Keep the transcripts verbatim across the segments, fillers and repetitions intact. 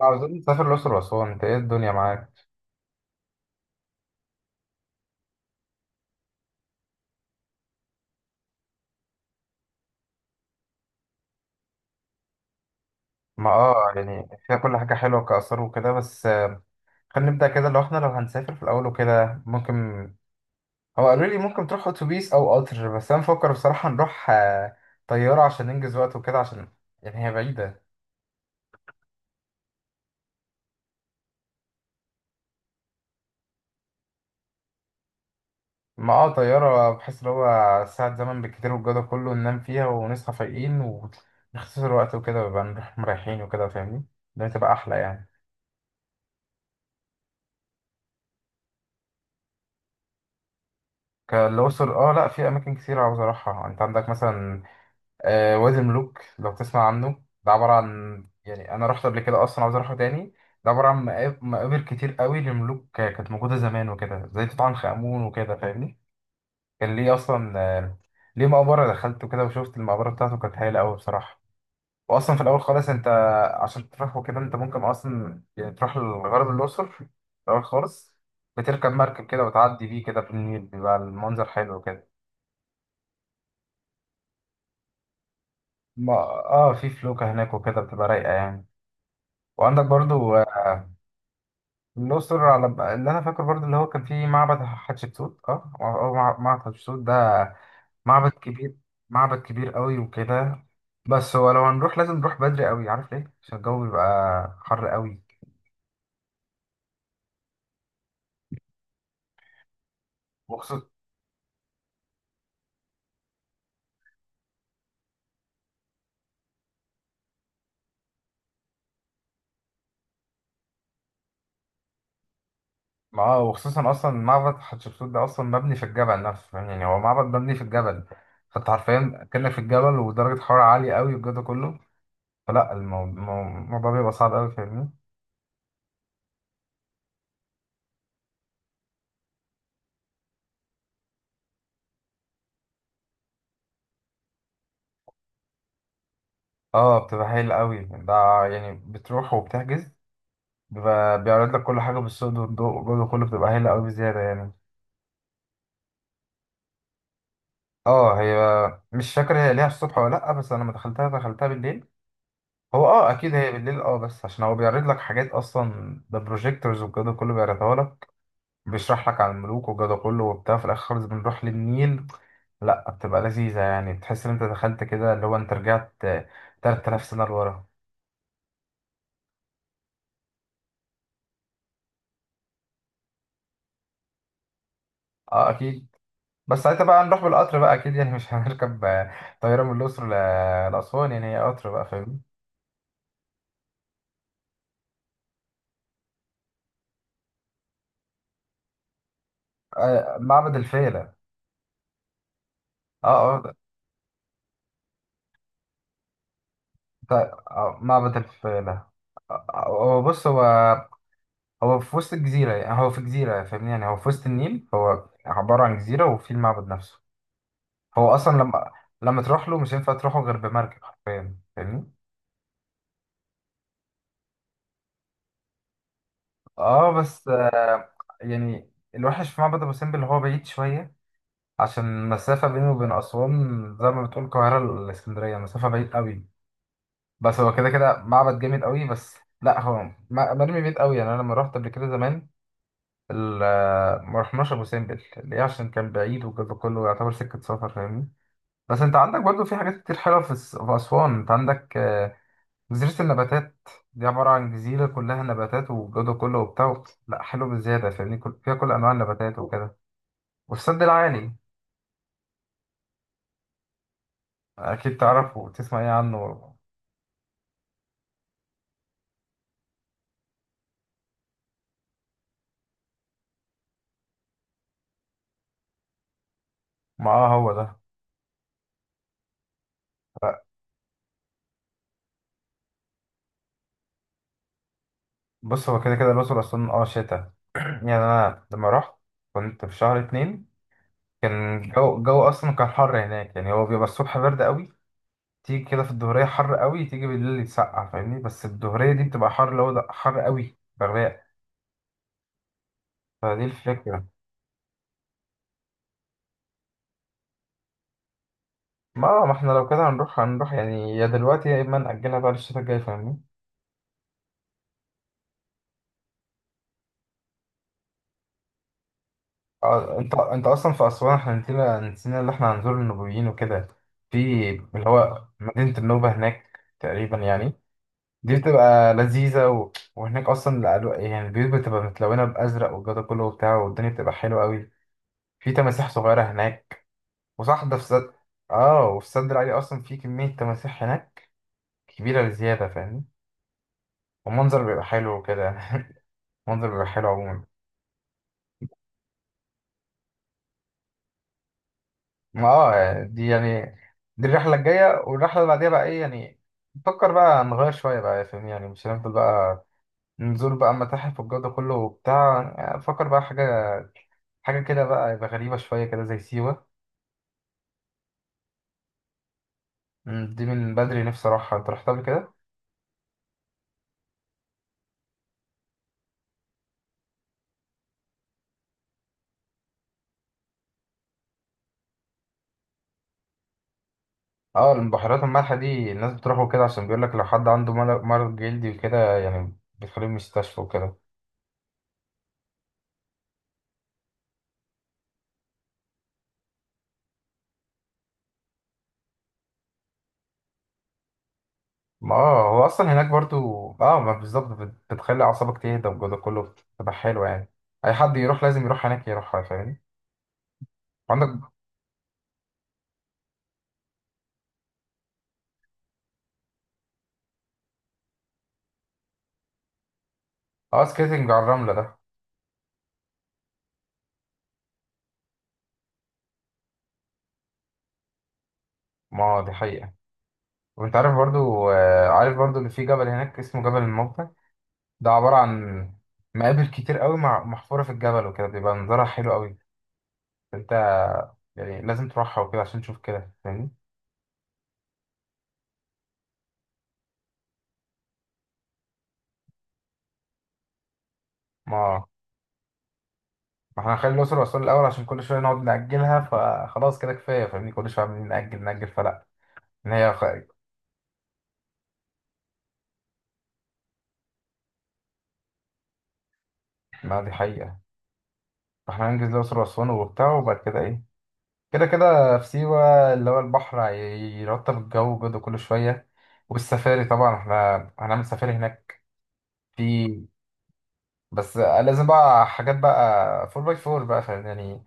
عاوزين نسافر الأقصر وأسوان. أنت إيه الدنيا معاك؟ ما آه يعني فيها كل حاجة حلوة كآثار وكده، بس آه، خلينا نبدأ كده. لو إحنا لو هنسافر في الأول وكده، ممكن هو قالوا لي ممكن تروح أتوبيس أو قطر، بس أنا بفكر بصراحة نروح آه، طيارة عشان ننجز وقت وكده، عشان يعني هي بعيدة. ما آه طيارة، بحس إن هو ساعة زمن بالكتير، والجو ده كله ننام فيها ونصحى فايقين ونختصر وقت وكده، ويبقى نروح مريحين وكده. فاهمني؟ ده تبقى أحلى يعني. كالأقصر، اه، لا في اماكن كتير عاوز اروحها. انت عندك مثلا آه وادي الملوك، لو تسمع عنه. ده عبارة عن يعني أنا رحت قبل كده أصلا، عاوز أروحه تاني. ده عبارة عن مقاب- مقابر كتير قوي لملوك آه، كانت موجودة زمان وكده، زي توت عنخ آمون وكده. فاهمني؟ كان ليه أصلا آه، ليه مقبرة دخلت وكده، وشفت المقبرة بتاعته كانت هايلة قوي بصراحة. وأصلا في الأول خالص أنت عشان تروح وكده، أنت ممكن أصلا يعني تروح لغرب الأقصر في الأول خالص، بتركب مركب كده وتعدي بيه كده في النيل، بيبقى المنظر حلو وكده. ما- اه في فلوكة هناك وكده بتبقى رايقة يعني. وعندك برضو آه، الأقصر، على اللي أنا فاكره برضه، اللي هو كان فيه معبد حتشبسوت أه أو مع- معبد حتشبسوت ده معبد كبير. معبد كبير قوي وكده. بس هو لو هنروح لازم نروح بدري قوي، عارف ليه؟ عشان الجو بيبقى حر قوي، وخصوصا. اه وخصوصا أصلا معبد حتشبسوت ده أصلا مبني في الجبل نفسه، فاهم؟ يعني هو معبد مبني في الجبل، فأنت حرفيا كأنك في الجبل ودرجة حرارة عالية قوي والجو ده كله. فلا، المو- المو- الموضوع بيبقى صعب قوي. فاهمني؟ اه، بتبقى حلوة قوي ده. يعني بتروح وبتحجز، بيبقى بيعرض لك كل حاجة بالصوت والضوء، والجودة كله بتبقى هايلة أوي بزيادة يعني. اه، هي مش فاكر هي ليها الصبح ولا لأ، بس أنا لما دخلتها دخلتها بالليل. هو اه أكيد هي بالليل، اه بس عشان هو بيعرض لك حاجات أصلا، ده بروجيكتورز والجودة كله بيعرضها لك، بيشرح لك عن الملوك والجودة كله وبتاع. في الآخر خالص بنروح للنيل. لأ، بتبقى لذيذة يعني، بتحس إن أنت دخلت كده اللي هو أنت رجعت تلات آلاف سنة لورا. اه، أكيد. بس ساعتها بقى هنروح بالقطر بقى، أكيد يعني مش هنركب طيارة من الأقصر ل- لأسوان، يعني هي قطر بقى. فاهم؟ آه، معبد الفيلة. اه، اه، ده- آه، معبد الفيلة. آه، هو بص، هو هو في وسط الجزيرة، يعني هو في جزيرة. فاهمني؟ يعني هو في وسط النيل، هو عبارة عن جزيرة، وفي المعبد نفسه. هو أصلا لما لما تروح له مش هينفع تروحه غير بمركب حرفيا. فاهمني؟ اه، بس آه يعني الوحش في معبد أبو سمبل اللي هو بعيد شوية، عشان المسافة بينه وبين أسوان زي ما بتقول القاهرة لإسكندرية، مسافة بعيد قوي. بس هو كده كده معبد جامد قوي بس. لا، هو ما- مرمي بعيد قوي، يعني انا لما رحت قبل كده زمان ال- ما رحناش ابو سمبل. ليه؟ عشان كان بعيد وكده كله يعتبر سكه سفر. فاهمني؟ بس انت عندك برضو في حاجات كتير حلوه في الس- في اسوان. انت عندك آه، جزيره النباتات، دي عباره عن جزيره كلها نباتات والجو كله وبتاع. لا، حلو بزياده، فاهمني؟ كل- فيها كل انواع النباتات وكده، والسد العالي. اكيد تعرفه وتسمع ايه عنه. ما آه، هو ده. بص، هو كده كده الأقصر أصلا اه شتا. يعني أنا لما رحت كنت في شهر اتنين، كان جو الجو أصلا كان حر هناك، يعني هو بيبقى الصبح برد قوي، تيجي كده في الظهرية حر قوي، تيجي بالليل يتسقع. فاهمني؟ بس الظهرية دي بتبقى حر اللي هو ده حر قوي بغباء. فدي الفكرة. ما آه، ما احنا لو كده هنروح، هنروح يعني يا دلوقتي يا إما نأجلها بقى للشتا الجاي. فاهمني؟ اه، انت انت أصلا في أسوان احنا نسينا نسينا اللي احنا هنزور النوبيين وكده، في اللي هو مدينة النوبة هناك تقريبا يعني. دي بتبقى لذيذة و... وهناك أصلا الألو- يعني البيوت بتبقى متلونة بأزرق والجو ده كله وبتاع، والدنيا بتبقى حلوة أوي. في تماسيح صغيرة هناك، وصح ده في سد. آه وفي السد العالي أصلا في كمية تماسيح هناك كبيرة بزيادة، فاهمني؟ والمنظر بيبقى حلو وكده. المنظر بيبقى حلو عموما. ما آه دي يعني دي الرحلة الجاية، والرحلة اللي بعديها بقى إيه يعني؟ نفكر بقى نغير شوية بقى، فاهمني؟ يعني مش هنفضل بقى نزور بقى متاحف والجو ده كله وبتاع. يعني فكر بقى حاجة، حاجة كده بقى يبقى غريبة شوية كده، زي سيوة. مم، دي من بدري نفسي أروحها. أنت رحتها قبل كده؟ اه، البحيرات المالحة دي الناس بتروحوا كده عشان بيقول لك لو حد عنده مل- مرض جلدي وكده، يعني بتخليه مستشفى وكده. ما اه هو أصلا هناك برضو. اه، ما بالظبط، بت- بتخلي أعصابك تهدى والجو ده كله، بتبقى حلوة يعني. أي حد يروح لازم يروح هناك يروحها. فاهمني؟ عندك اه، سكيتنج على الرملة ده. ما هو دي حقيقة. وانت عارف برضو آه، عارف برضو ان في جبل هناك اسمه جبل الموتى، ده عبارة عن مقابر كتير قوي مع- محفورة في الجبل وكده، بيبقى منظرها حلو قوي. انت يعني لازم تروحها وكده عشان تشوف كده. فاهمني؟ ما ما احنا هنخلي الأقصر وأسوان الأول عشان كل شوية نقعد نأجلها، فخلاص كده كفاية. فاهمني؟ كل شوية عمالين نأجل نأجل فلا. إن هي خ... ما دي حقيقة. فاحنا هننجز الأقصر وأسوان وبتاع، وبعد كده إيه؟ كده كده في سيوة اللي هو البحر هي- يرطب الجو جدا كل شوية، والسفاري طبعا احنا هنعمل سفاري هناك في. بس لازم بقى حاجات بقى فور باي فور بقى، فاهم يعني؟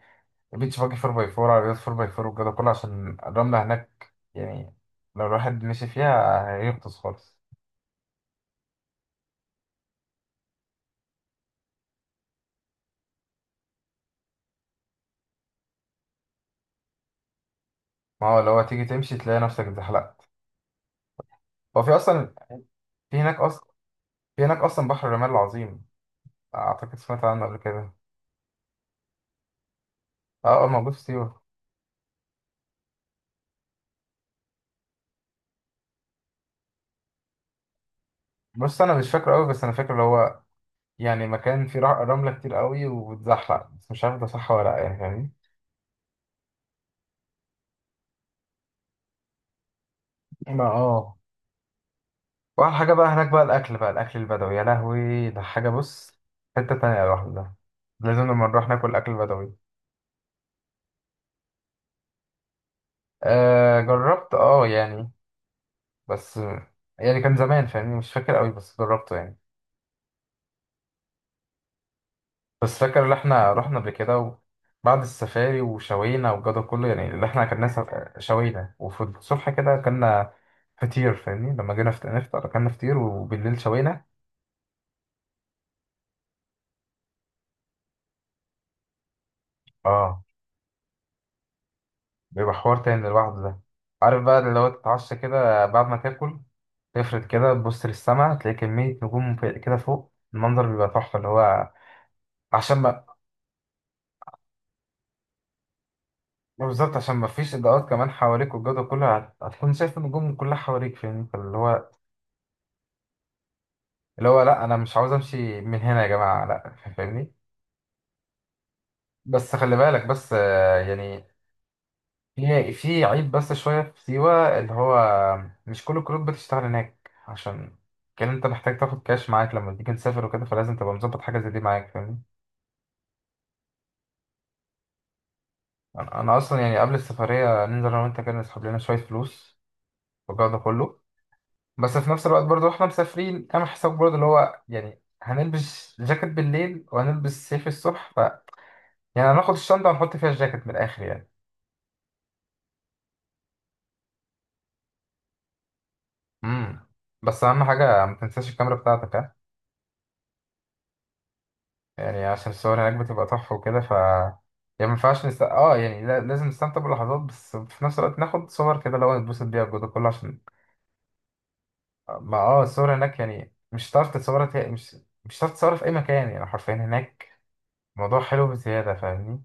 البيتش باجي فور باي فور، عربيات أربعة باي فور والجو ده كله، عشان الرملة هناك يعني لو الواحد مشي فيها هيغطس خالص. ما هو لو تيجي تمشي تلاقي نفسك اتزحلقت. هو في اصلا في هناك اصلا في هناك اصلا بحر الرمال العظيم، اعتقد سمعت عنه قبل كده. اه، اه، موجود في سيوة. بص، انا مش فاكره قوي، بس انا فاكر اللي هو يعني مكان فيه رع- رملة كتير قوي وبتزحلق، بس مش عارف ده صح ولا لا يعني. فاهمني؟ ما اه واحلى حاجة بقى هناك بقى الأكل، بقى الأكل البدوي، يا لهوي ده حاجة. بص، حتة تانية لوحده ده، لازم لما نروح ناكل أكل بدوي. آه، جربت اه يعني، بس يعني كان زمان، فاهمني؟ مش فاكر قوي بس جربته يعني. بس فاكر اللي احنا رحنا قبل كده، وبعد السفاري وشوينا والجو ده كله، يعني اللي احنا كنا سف- شوينا، وفي الصبح كده كنا فطير. فاهمني؟ لما جينا فت- نفطر كنا فطير، وبالليل شوينا. اه، بيبقى حوار تاني لوحده ده. عارف بقى اللي هو تتعشى كده بعد ما تاكل، تفرد كده تبص للسما، تلاقي كمية نجوم في- كده فوق، المنظر بيبقى تحفة اللي هو عشان ما. بالظبط، عشان ما فيش إضاءات كمان حواليك والجو ده كله هت- هتكون شايف النجوم كلها حواليك. فاهمني؟ فاللي هو اللي هو لأ، أنا مش عاوز أمشي من هنا يا جماعة، لأ، فاهمني؟ بس خلي بالك، بس آه، يعني في في عيب بس شوية في سيوة اللي هو مش كل الكروت بتشتغل هناك، عشان كان أنت محتاج تاخد كاش معاك لما تيجي تسافر وكده، فلازم تبقى مظبط حاجة زي دي معاك. فاهمني؟ انا أنا اصلا يعني قبل السفريه ننزل انا وانت كده نسحب لنا شويه فلوس والجو ده كله، بس في نفس الوقت برضو احنا مسافرين، اعمل حساب برضو اللي هو يعني هنلبس جاكيت بالليل وهنلبس سيف الصبح، ف يعني هناخد الشنطه ونحط فيها الجاكيت من الاخر يعني. امم بس اهم حاجه ما تنساش الكاميرا بتاعتك، ها؟ يعني عشان الصور هناك بتبقى تحفه وكده، ف يعني ما ينفعش نست... اه يعني لا- لازم نستمتع باللحظات، بس في نفس الوقت ناخد صور كده اللي هو نتبسط بيها الجو ده كله عشان ما اه الصور هناك يعني مش هتعرف تتصورها تا- مش مش هتعرف تتصورها في اي مكان، يعني حرفيا هناك الموضوع حلو بزياده. فاهمني؟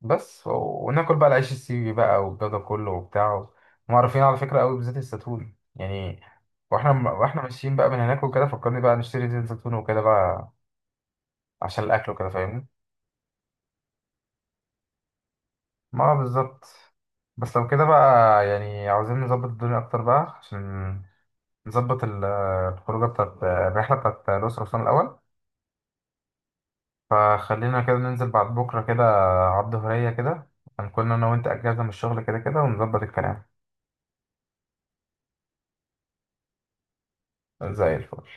بس و... وناكل بقى العيش السيوي بقى والجو ده كله وبتاع. هم عارفين على فكره قوي بزيت الزيتون يعني، واحنا واحنا ماشيين بقى من هناك وكده، فكرني بقى نشتري زيت زيتون وكده بقى عشان الاكل وكده. فاهمني؟ ما آه بالظبط. بس لو كده بقى يعني عاوزين نظبط الدنيا اكتر بقى، عشان نظبط ال- الخروجه بتاعت الرحله بتاعت الاسره اصلا الاول. فخلينا كده ننزل بعد بكرة كده، على الظهرية كده هنكون أنا وأنت أجازة من الشغل كده كده، ونظبط الكلام. زي الفل.